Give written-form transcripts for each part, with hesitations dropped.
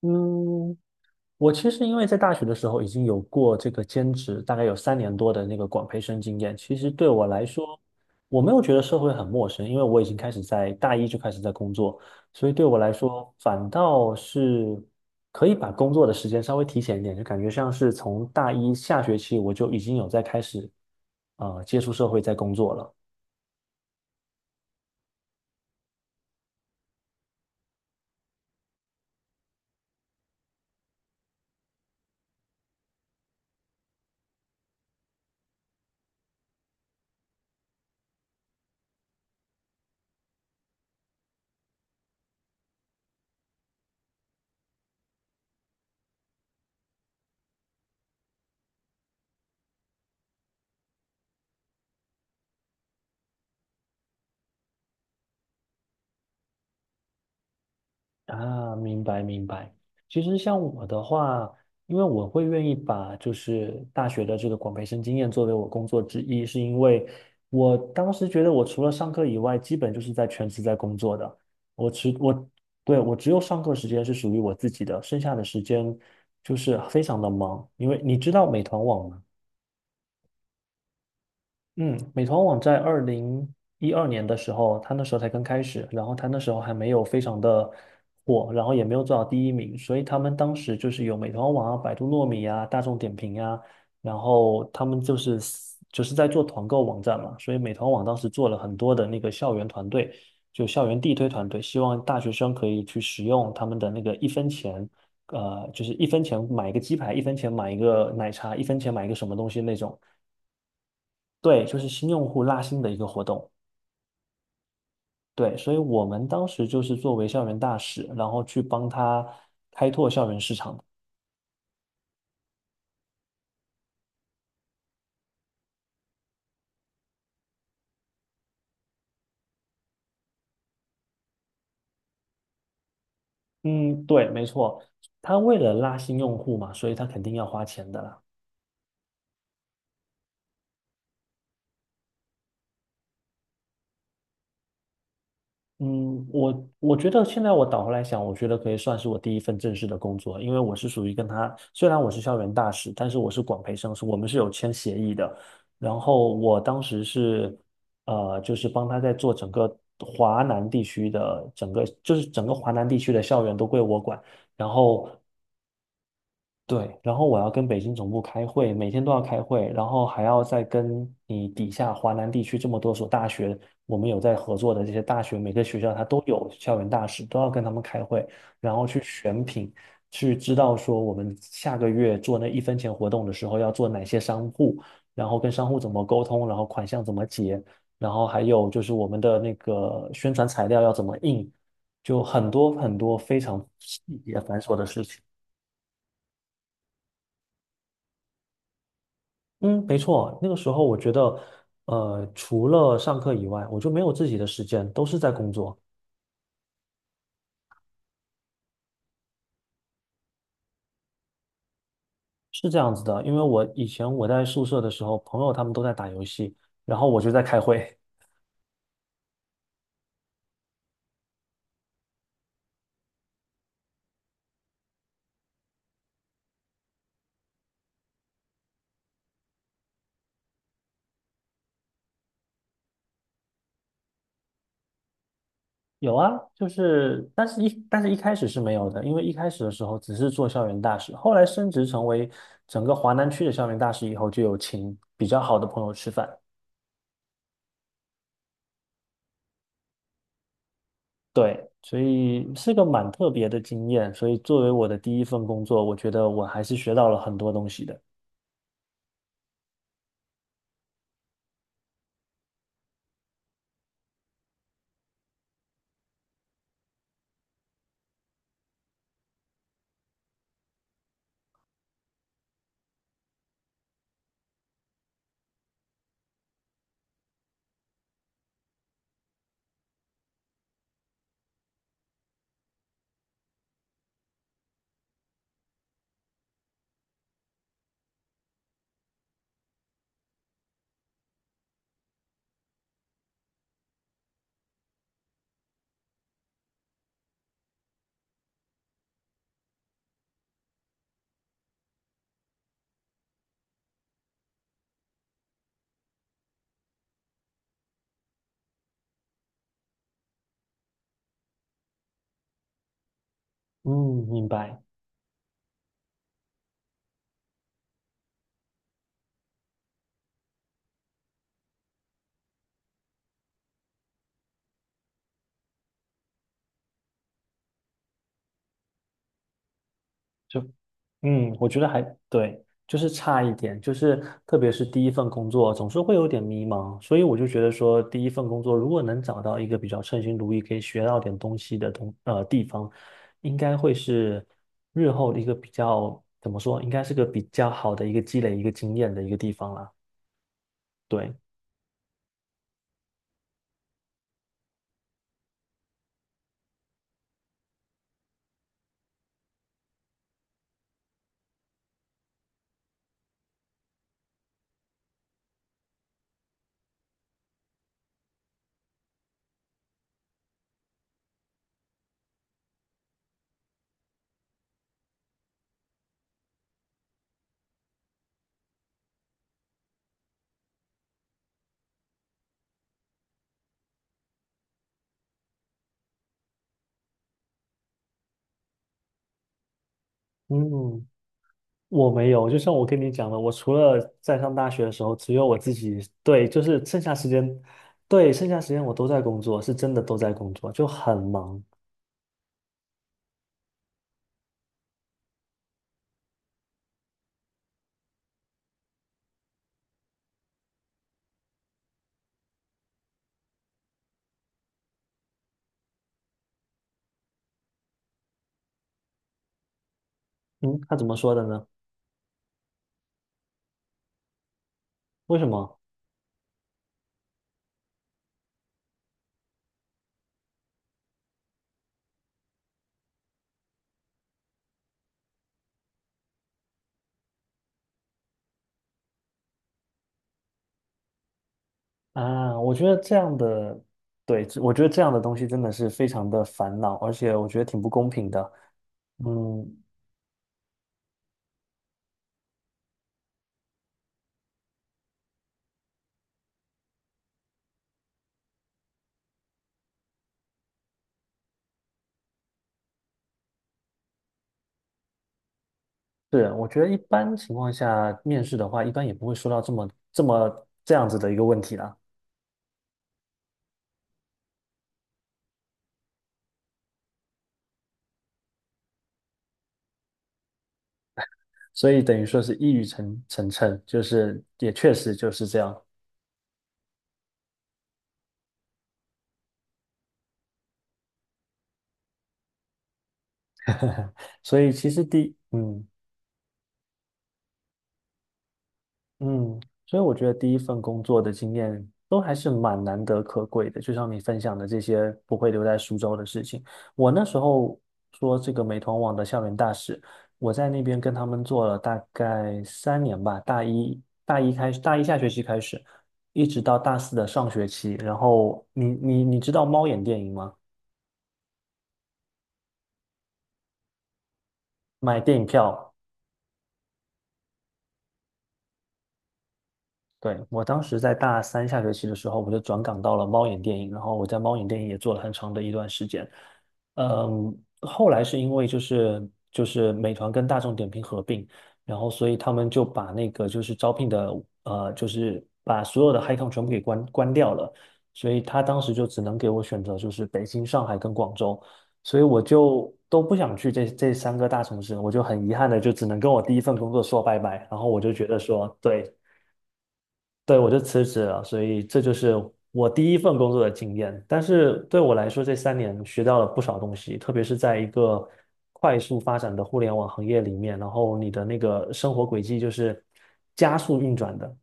嗯，我其实因为在大学的时候已经有过这个兼职，大概有3年多的那个广培生经验。其实对我来说，我没有觉得社会很陌生，因为我已经开始在大一就开始在工作，所以对我来说反倒是可以把工作的时间稍微提前一点，就感觉像是从大一下学期我就已经有在开始接触社会在工作了。啊，明白明白。其实像我的话，因为我会愿意把就是大学的这个广培生经验作为我工作之一，是因为我当时觉得我除了上课以外，基本就是在全职在工作的。我只我对，我只有上课时间是属于我自己的，剩下的时间就是非常的忙。因为你知道美团网吗？嗯，美团网在2012年的时候，它那时候才刚开始，然后它那时候还没有非常的火，然后也没有做到第一名，所以他们当时就是有美团网啊、百度糯米啊、大众点评啊，然后他们就是在做团购网站嘛，所以美团网当时做了很多的那个校园团队，就校园地推团队，希望大学生可以去使用他们的那个一分钱。就是一分钱买一个鸡排，一分钱买一个奶茶，一分钱买一个什么东西那种。对，就是新用户拉新的一个活动。对，所以我们当时就是作为校园大使，然后去帮他开拓校园市场。嗯，对，没错，他为了拉新用户嘛，所以他肯定要花钱的啦。我觉得现在我倒回来想，我觉得可以算是我第一份正式的工作，因为我是属于跟他，虽然我是校园大使，但是我是管培生，我们是有签协议的。然后我当时是，就是帮他在做整个华南地区的整个，就是整个华南地区的校园都归我管。然后，对，然后我要跟北京总部开会，每天都要开会，然后还要再跟你底下华南地区这么多所大学，我们有在合作的这些大学，每个学校它都有校园大使，都要跟他们开会，然后去选品，去知道说我们下个月做那一分钱活动的时候要做哪些商户，然后跟商户怎么沟通，然后款项怎么结，然后还有就是我们的那个宣传材料要怎么印，就很多很多非常细节繁琐的事情。嗯，没错，那个时候我觉得，除了上课以外，我就没有自己的时间，都是在工作，是这样子的。因为我以前在宿舍的时候，朋友他们都在打游戏，然后我就在开会。有啊，就是，但是一开始是没有的，因为一开始的时候只是做校园大使，后来升职成为整个华南区的校园大使以后，就有请比较好的朋友吃饭。对，所以是个蛮特别的经验，所以作为我的第一份工作，我觉得我还是学到了很多东西的。嗯，明白。就我觉得还对，就是差一点，就是特别是第一份工作，总是会有点迷茫，所以我就觉得说，第一份工作如果能找到一个比较称心如意，可以学到点东西的地方，应该会是日后的一个比较怎么说，应该是个比较好的一个积累一个经验的一个地方啦。对，嗯。我没有，就像我跟你讲的，我除了在上大学的时候，只有我自己，对，就是剩下时间，对，剩下时间我都在工作，是真的都在工作，就很忙。嗯，他怎么说的呢？为什么啊？我觉得这样的，对，我觉得这样的东西真的是非常的烦恼，而且我觉得挺不公平的。嗯，是，我觉得一般情况下面试的话，一般也不会说到这样子的一个问题啦。所以等于说是一语成谶，就是也确实就是这样。所以其实第，嗯嗯，所以我觉得第一份工作的经验都还是蛮难得可贵的。就像你分享的这些不会留在苏州的事情，我那时候说这个美团网的校园大使，我在那边跟他们做了大概三年吧，大一开始，大一下学期开始，一直到大四的上学期。然后你知道猫眼电影吗？买电影票。对，我当时在大三下学期的时候，我就转岗到了猫眼电影，然后我在猫眼电影也做了很长的一段时间。嗯，后来是因为就是美团跟大众点评合并，然后所以他们就把那个就是招聘的就是把所有的 HiCom 全部给关掉了，所以他当时就只能给我选择就是北京、上海跟广州，所以我就都不想去这三个大城市，我就很遗憾的就只能跟我第一份工作说拜拜，然后我就觉得说，对，对，我就辞职了，所以这就是我第一份工作的经验。但是对我来说，这三年学到了不少东西，特别是在一个快速发展的互联网行业里面，然后你的那个生活轨迹就是加速运转的。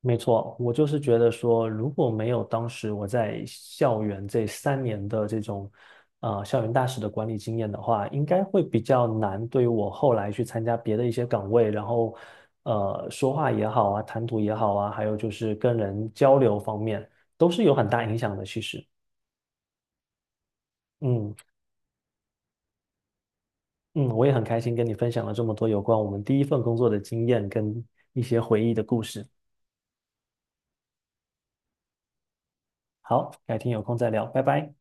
没错，我就是觉得说，如果没有当时我在校园这三年的这种，校园大使的管理经验的话，应该会比较难对于我后来去参加别的一些岗位，然后，说话也好啊，谈吐也好啊，还有就是跟人交流方面，都是有很大影响的。其实，嗯嗯，我也很开心跟你分享了这么多有关我们第一份工作的经验跟一些回忆的故事。好，改天有空再聊，拜拜。